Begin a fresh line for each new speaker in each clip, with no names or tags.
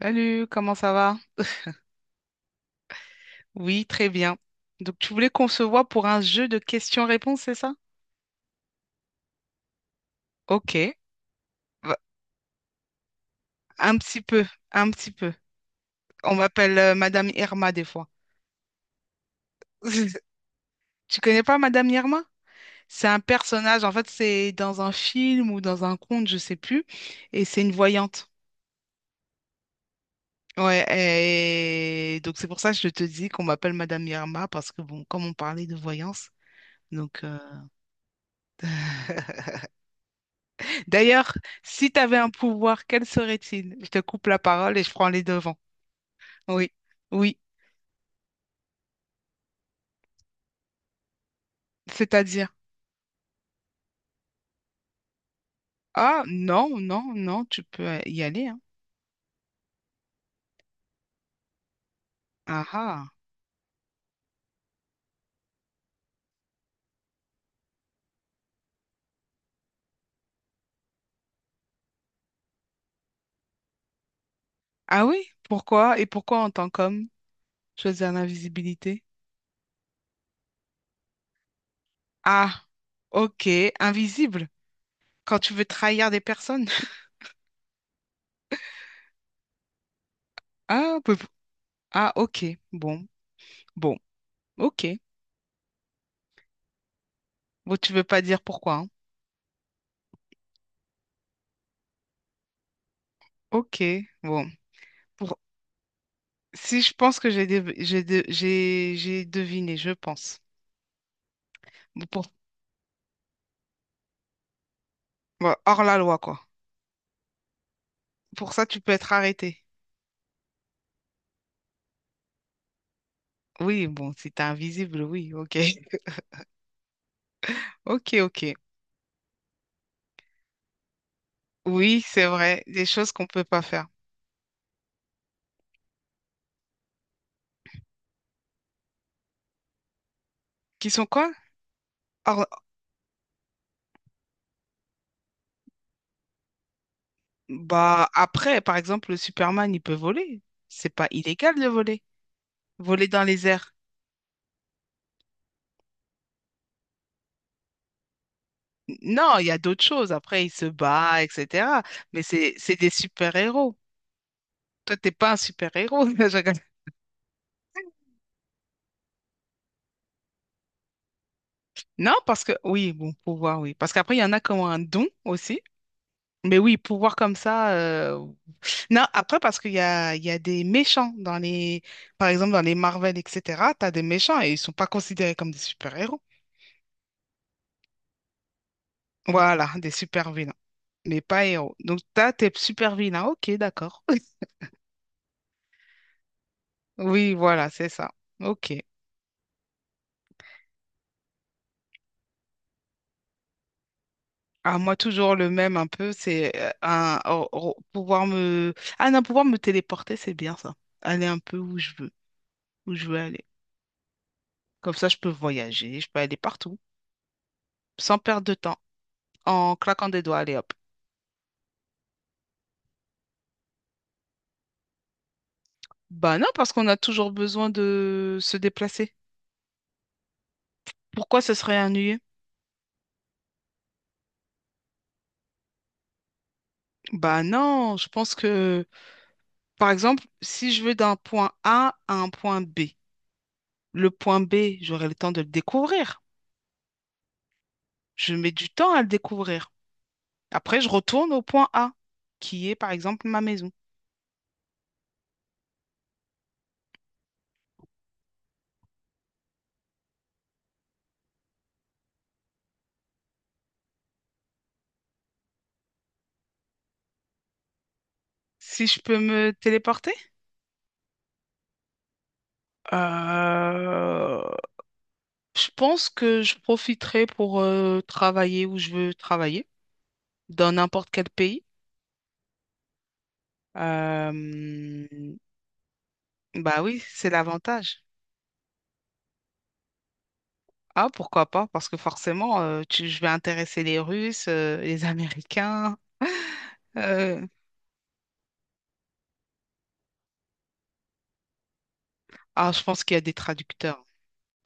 Salut, comment ça va? Oui, très bien. Donc, tu voulais qu'on se voit pour un jeu de questions-réponses, c'est ça? Ok. Va- Un petit peu, un petit peu. On m'appelle Madame Irma des fois. Tu connais pas Madame Irma? C'est un personnage, en fait, c'est dans un film ou dans un conte, je sais plus, et c'est une voyante. Ouais, et donc c'est pour ça que je te dis qu'on m'appelle Madame Irma, parce que bon, comme on parlait de voyance, donc. D'ailleurs, si tu avais un pouvoir, quel serait-il? Je te coupe la parole et je prends les devants. Oui, oui, c'est-à-dire. Ah, non, non, non, tu peux y aller, hein. Ah, ah. Ah oui, pourquoi? Et pourquoi en tant qu'homme, choisir l'invisibilité? Ah, ok, invisible. Quand tu veux trahir des personnes? Ah, ah, ok. Bon, bon, ok. Bon, tu veux pas dire pourquoi, hein. Ok, bon. Pour. Si je pense que j'ai dev- j'ai de- j'ai deviné, je pense. Bon, pour, bon, hors la loi, quoi. Pour ça, tu peux être arrêté. Oui, bon, si t'es invisible, oui, ok. Ok, ok. Oui, c'est vrai. Des choses qu'on peut pas faire. Qui sont quoi? Hors- Bah, après, par exemple, le Superman, il peut voler. C'est pas illégal de voler. Voler dans les airs. Non, il y a d'autres choses. Après, il se bat, etc. Mais c'est des super-héros. Toi, t'es pas un super-héros. Je rigole. Non, parce que oui, bon, pouvoir, oui. Parce qu'après, il y en a qui ont un don aussi. Mais oui, pouvoir comme ça. Non, après, parce qu'il y a des méchants dans les. Par exemple, dans les Marvel, etc. T'as des méchants et ils sont pas considérés comme des super-héros. Voilà, des super-vilains. Mais pas héros. Donc, t'as tes super-vilains. Ok, d'accord. Oui, voilà, c'est ça. Ok. Ah, moi, toujours le même un peu, c'est un, pouvoir me. Ah non, pouvoir me téléporter, c'est bien ça. Aller un peu où je veux aller. Comme ça, je peux voyager, je peux aller partout, sans perdre de temps, en claquant des doigts, allez hop. Bah non, parce qu'on a toujours besoin de se déplacer. Pourquoi ce serait ennuyeux? Bah non, je pense que, par exemple, si je veux d'un point A à un point B, le point B, j'aurai le temps de le découvrir. Je mets du temps à le découvrir. Après, je retourne au point A, qui est par exemple ma maison. Si je peux me téléporter, euh, je pense que je profiterai pour travailler où je veux travailler, dans n'importe quel pays. Euh, Bah oui, c'est l'avantage. Ah, pourquoi pas? Parce que forcément, je vais intéresser les Russes, les Américains. Euh, ah, je pense qu'il y a des traducteurs.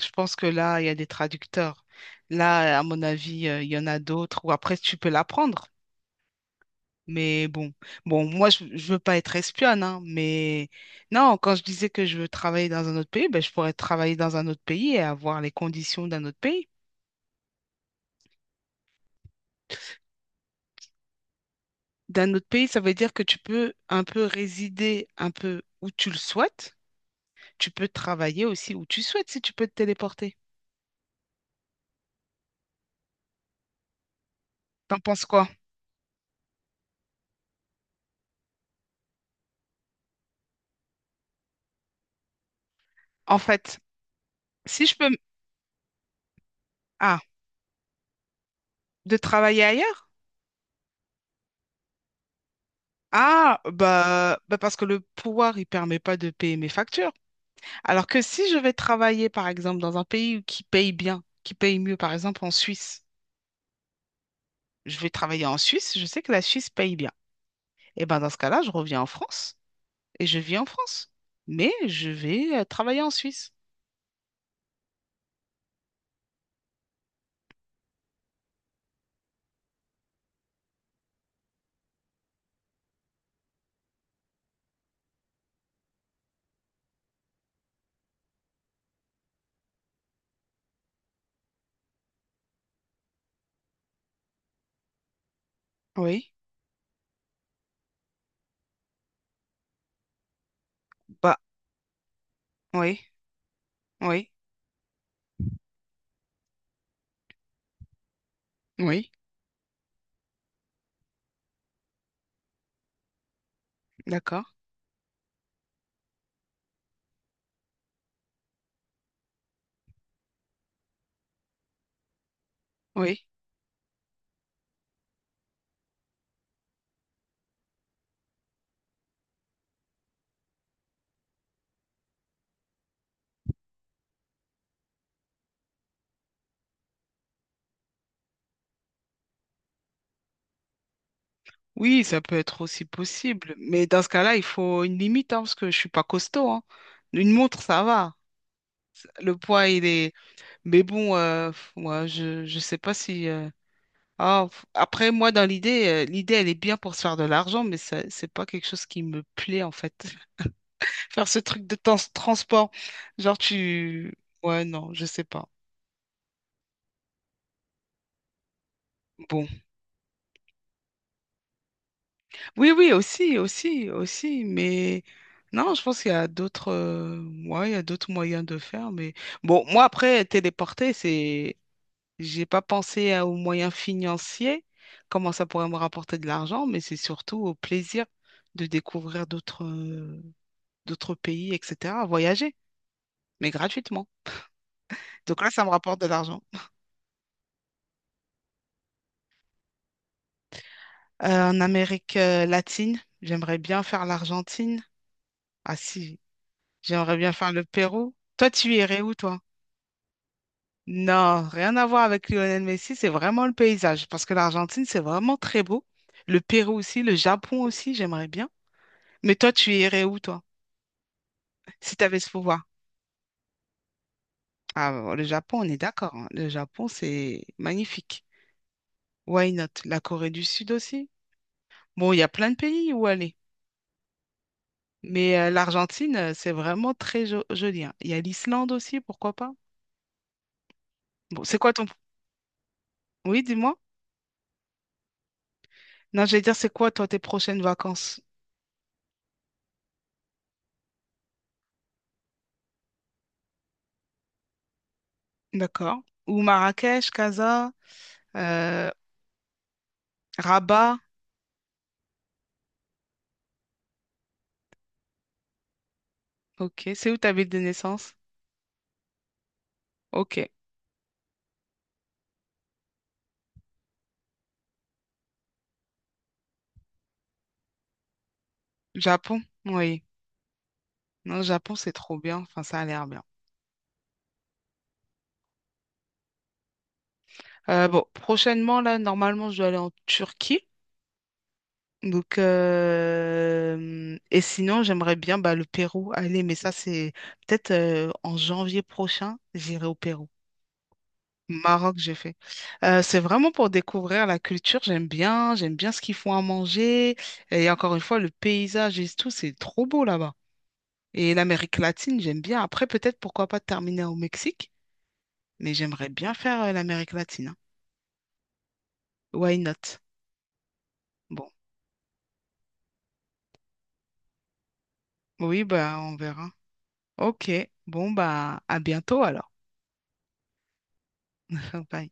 Je pense que là, il y a des traducteurs. Là, à mon avis, il y en a d'autres. Ou après, tu peux l'apprendre. Mais bon, bon, moi, je veux pas être espionne, hein, mais non, quand je disais que je veux travailler dans un autre pays, ben, je pourrais travailler dans un autre pays et avoir les conditions d'un autre pays. D'un autre pays, ça veut dire que tu peux un peu résider un peu où tu le souhaites. Tu peux travailler aussi où tu souhaites si tu peux te téléporter. T'en penses quoi? En fait, si je peux. Ah, de travailler ailleurs? Ah, bah, bah parce que le pouvoir, il permet pas de payer mes factures. Alors que si je vais travailler, par exemple, dans un pays qui paye bien, qui paye mieux, par exemple en Suisse, je vais travailler en Suisse, je sais que la Suisse paye bien. Et ben dans ce cas-là, je reviens en France et je vis en France. Mais je vais travailler en Suisse. Oui. Bah, oui, oui, oui, d'accord. Oui, oui, ça peut être aussi possible. Mais dans ce cas-là, il faut une limite, hein, parce que je suis pas costaud, hein. Une montre, ça va. Le poids, il est. Mais bon, moi, je sais pas si. Ah, après, moi, dans l'idée, l'idée, elle est bien pour se faire de l'argent, mais ça, c'est pas quelque chose qui me plaît, en fait. Faire ce truc de transport. Genre, tu. Ouais, non, je sais pas. Bon. Oui, oui, aussi, aussi, aussi, mais non, je pense qu'il y a d'autres ouais, il y a d'autres moyens de faire, mais bon, moi après, téléporter, c'est j'ai pas pensé aux moyens financiers, comment ça pourrait me rapporter de l'argent, mais c'est surtout au plaisir de découvrir d'autres d'autres pays, etc., voyager, mais gratuitement. Donc là, ça me rapporte de l'argent. En Amérique latine, j'aimerais bien faire l'Argentine. Ah si, j'aimerais bien faire le Pérou. Toi, tu irais où? Non, rien à voir avec Lionel Messi, c'est vraiment le paysage. Parce que l'Argentine, c'est vraiment très beau. Le Pérou aussi, le Japon aussi, j'aimerais bien. Mais toi, tu irais où, toi, si tu avais ce pouvoir? Ah, bon, le Japon, on est d'accord. Hein. Le Japon, c'est magnifique. Why not? La Corée du Sud aussi. Bon, il y a plein de pays où aller. Mais l'Argentine, c'est vraiment très joli. Hein. Il y a l'Islande aussi, pourquoi pas? Bon, c'est quoi ton. Oui, dis-moi. Non, j'allais dire, c'est quoi, toi, tes prochaines vacances? D'accord. Ou Marrakech, Casa? euh, Rabat, ok. C'est où ta ville de naissance? Ok. Japon, oui. Non, Japon, c'est trop bien. Enfin, ça a l'air bien. Bon, prochainement, là, normalement, je dois aller en Turquie. Donc, et sinon, j'aimerais bien bah, le Pérou aller, mais ça, c'est peut-être en janvier prochain, j'irai au Pérou. Maroc, j'ai fait. C'est vraiment pour découvrir la culture. J'aime bien ce qu'ils font à manger. Et encore une fois, le paysage et tout, c'est trop beau là-bas. Et l'Amérique latine, j'aime bien. Après, peut-être pourquoi pas terminer au Mexique, mais j'aimerais bien faire l'Amérique latine. Hein. Why not? Bon, oui, bah on verra. Ok, bon bah à bientôt alors. Bye.